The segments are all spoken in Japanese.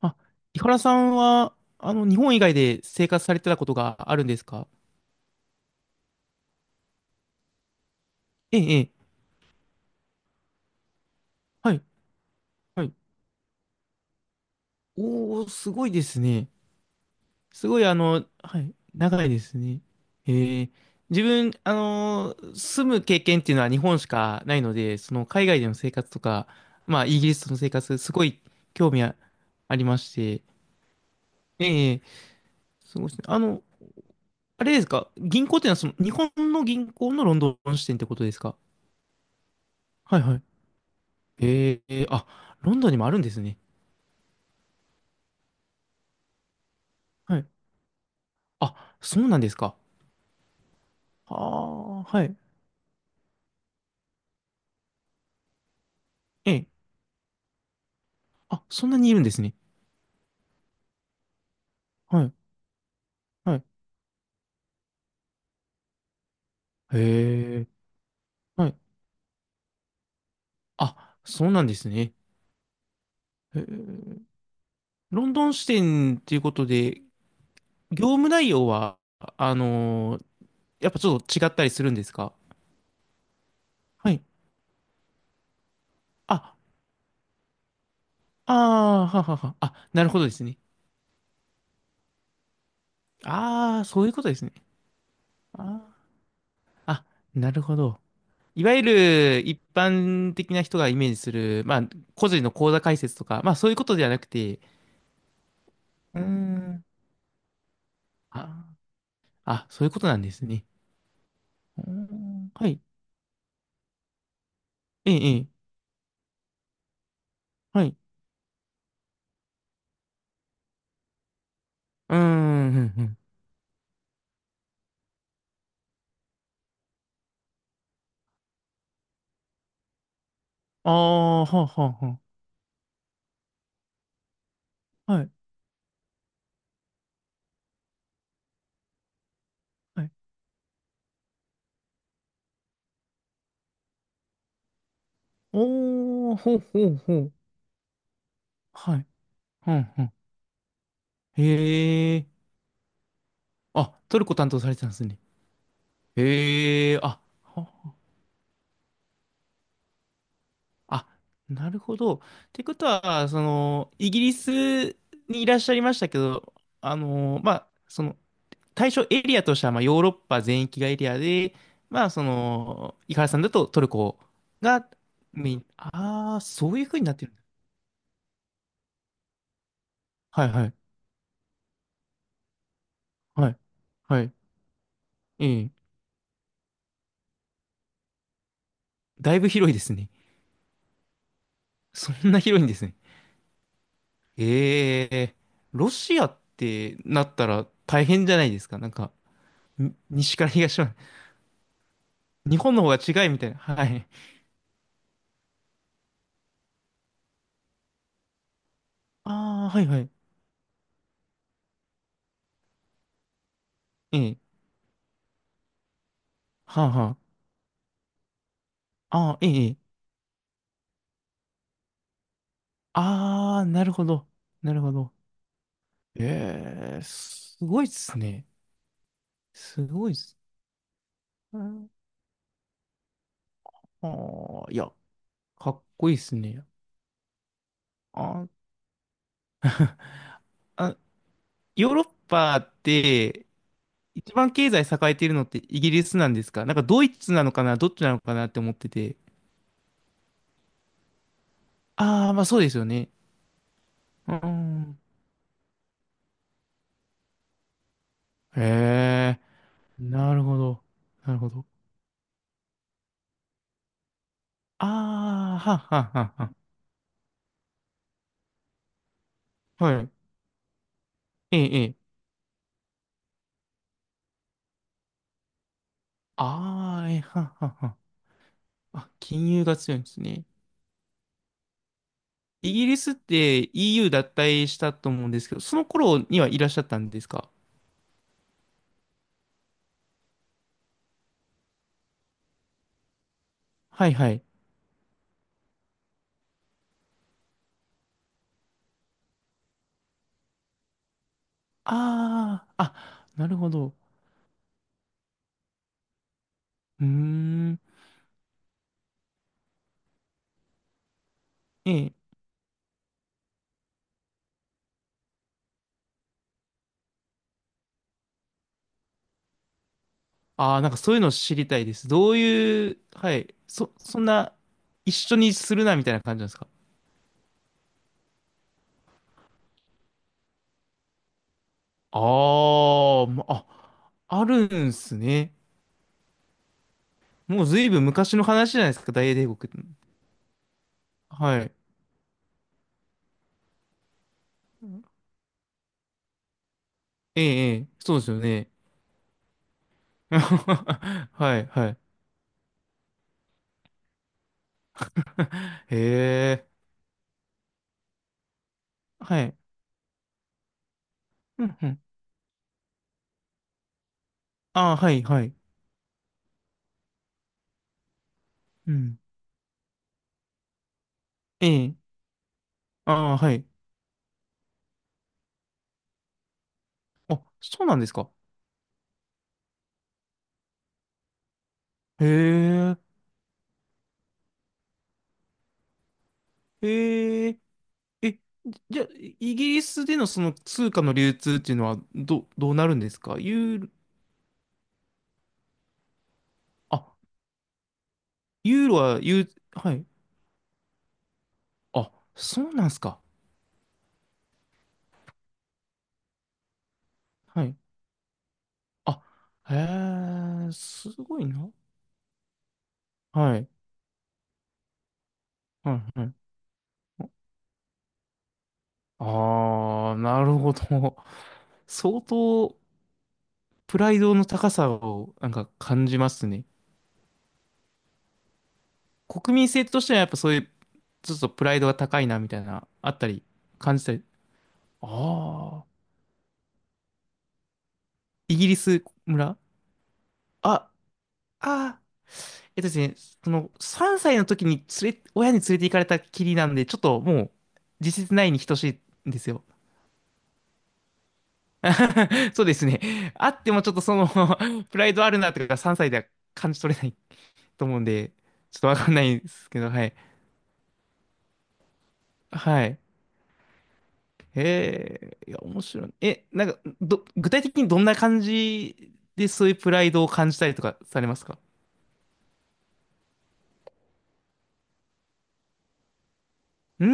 あ、井原さんは、日本以外で生活されてたことがあるんですか？ええ、ええ。はい、はい。おー、すごいですね。すごい、はい、長いですね。ええ、自分、住む経験っていうのは日本しかないので、その、海外での生活とか、まあ、イギリスの生活、すごい興味あ、ありまして。ええ、すごいですね。あの、あれですか？銀行っていうのは、その、日本の銀行のロンドン支店ってことですか？はい、はい。ええあ、ロンドンにもあるんですね。はい。あ、そうなんですか。ああ、はい。ええ。あ、そんなにいるんですね。はい。はい。へえ。はい。あ、そうなんですね。へえ、ロンドン支店っていうことで、業務内容は、あのーやっぱちょっと違ったりするんですか？はい。あ、ああ、ははは。あ、なるほどですね。ああ、そういうことですね。あー、あ、なるほど。いわゆる一般的な人がイメージする、まあ、個人の口座開設とか、まあそういうことではなくて、うーん。あ、あ、そういうことなんですね。うーん、はい。ええ、ええ、はい。うーん、ふんふん。ああ、はあ、はあ、はあ。はい、はい。おー、ほうほうほう。はい。ふんふん。へえ。あ、トルコ担当されてたんですね。へえ、あ、は、あ、なるほど。ってことは、その、イギリスにいらっしゃいましたけど、あの、まあ、その、対象エリアとしては、まあ、ヨーロッパ全域がエリアで、まあ、その、井原さんだとトルコがメイン。ああ、そういうふうになってるんだ。はいはい。はい。はい。ええ。だいぶ広いですね。そんな広いんですね。ええ。ロシアってなったら大変じゃないですか。なんか、に西から東まで。日本の方が違いみたいな。はい。ああ、はいはい。ええ。はあはあ。ああ、ええ。ええ、ああ、なるほど。なるほど。ええ、すごいっすね。すごいっす。ああ、いや、かっこいいっすね。あー、あ、ヨーロッパって、一番経済栄えているのってイギリスなんですか？なんかドイツなのかな、どっちなのかなって思ってて。ああ、まあそうですよね。うん。へえ、なるほど。なるほど。ああ、はっはっはっは、はい。ええ、ええ。ああ、え、はんはんはん。あ、金融が強いんですね。イギリスって EU 脱退したと思うんですけど、その頃にはいらっしゃったんですか？はいはい。ああ、あ、なるほど。うーん。ええ。ああ、なんかそういうの知りたいです。どういう、はい。そ、そんな、一緒にするなみたいな感じなんですか？あー、まあ、あるんすね。もうずいぶん昔の話じゃないですか、大英帝国って。はい。ええ、ええ、そうですよね。はい、はい。へえ、はい。うんうん。ああ、はい、はい。うん。ええ、ああ、はい。あ、そうなんですか。へえ、へえ、え、じゃあ、イギリスでのその通貨の流通っていうのは、ど、どうなるんですか？ユーロ、あ、ユーロは、ユー、はい。あ、そうなんですか。はい。あ、へえ、すごいな。はい、はい、はい。ああ、なるほど。相当、プライドの高さをなんか感じますね。国民性としてはやっぱそういう、ちょっとプライドが高いなみたいな、あったり、感じたり。ああ。イギリス村、あ、あー、えっとですね、その3歳の時に連れ、親に連れて行かれたきりなんで、ちょっともう実質ないに等しいんですよ。そうですね。あってもちょっとその プライドあるなとか3歳では感じ取れないと思うんで、ちょっとわかんないですけど、はい。はい。へえ、いや、面白い。え、なんか、ど、具体的にどんな感じでそういうプライドを感じたりとかされますか？うー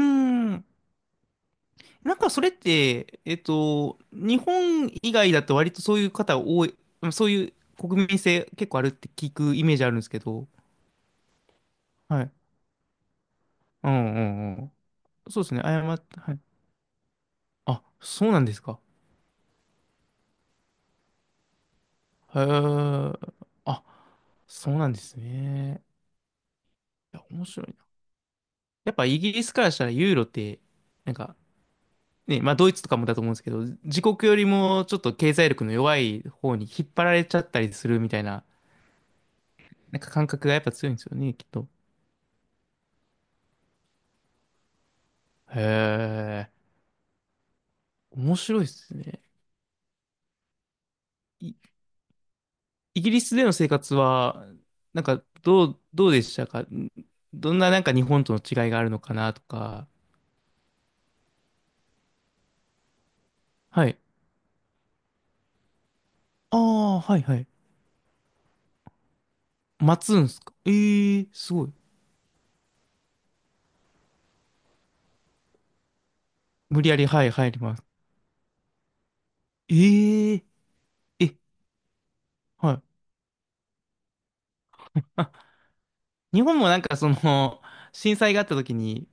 ん。なんかそれって、えっと、日本以外だと割とそういう方多い、うん、そういう国民性結構あるって聞くイメージあるんですけど。はい。うんうんうん。そうですね、謝って、はい。あ、そうなんですか。へえ。あ、そうなんですね。いや、面白いな。やっぱイギリスからしたらユーロって、なんか、ね、まあドイツとかもだと思うんですけど、自国よりもちょっと経済力の弱い方に引っ張られちゃったりするみたいな、なんか感覚がやっぱ強いんですよね、きっと。へえ、面白いですね。い、イギリスでの生活は、なんかどう、どうでしたか？ん、どんななんか日本との違いがあるのかなとか。はい。ああ、はいはい。待つんですか？ええ、すごい。無理やり、はい、入ります。え、ええ、はい。あ、日本もなんかその、震災があった時に、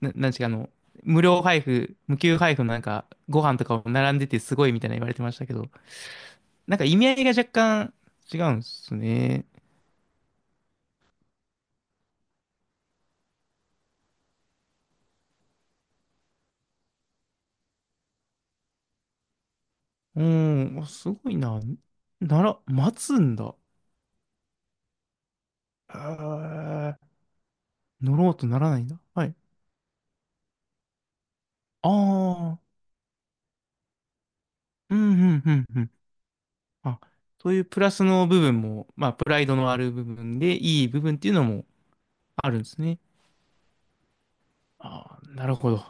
な、なんちかあの、無料配布、無給配布のなんか、ご飯とかを並んでてすごいみたいな言われてましたけど、なんか意味合いが若干違うんですね。うん、あ、すごいな。なら、待つんだ。へえ、乗ろうとならないんだ。はい。ああ、うん、うん、うん、うん。あ、そういうプラスの部分も、まあ、プライドのある部分で、いい部分っていうのもあるんですね。ああ、なるほど。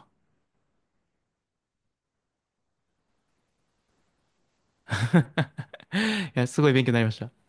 いや、すごい勉強になりました。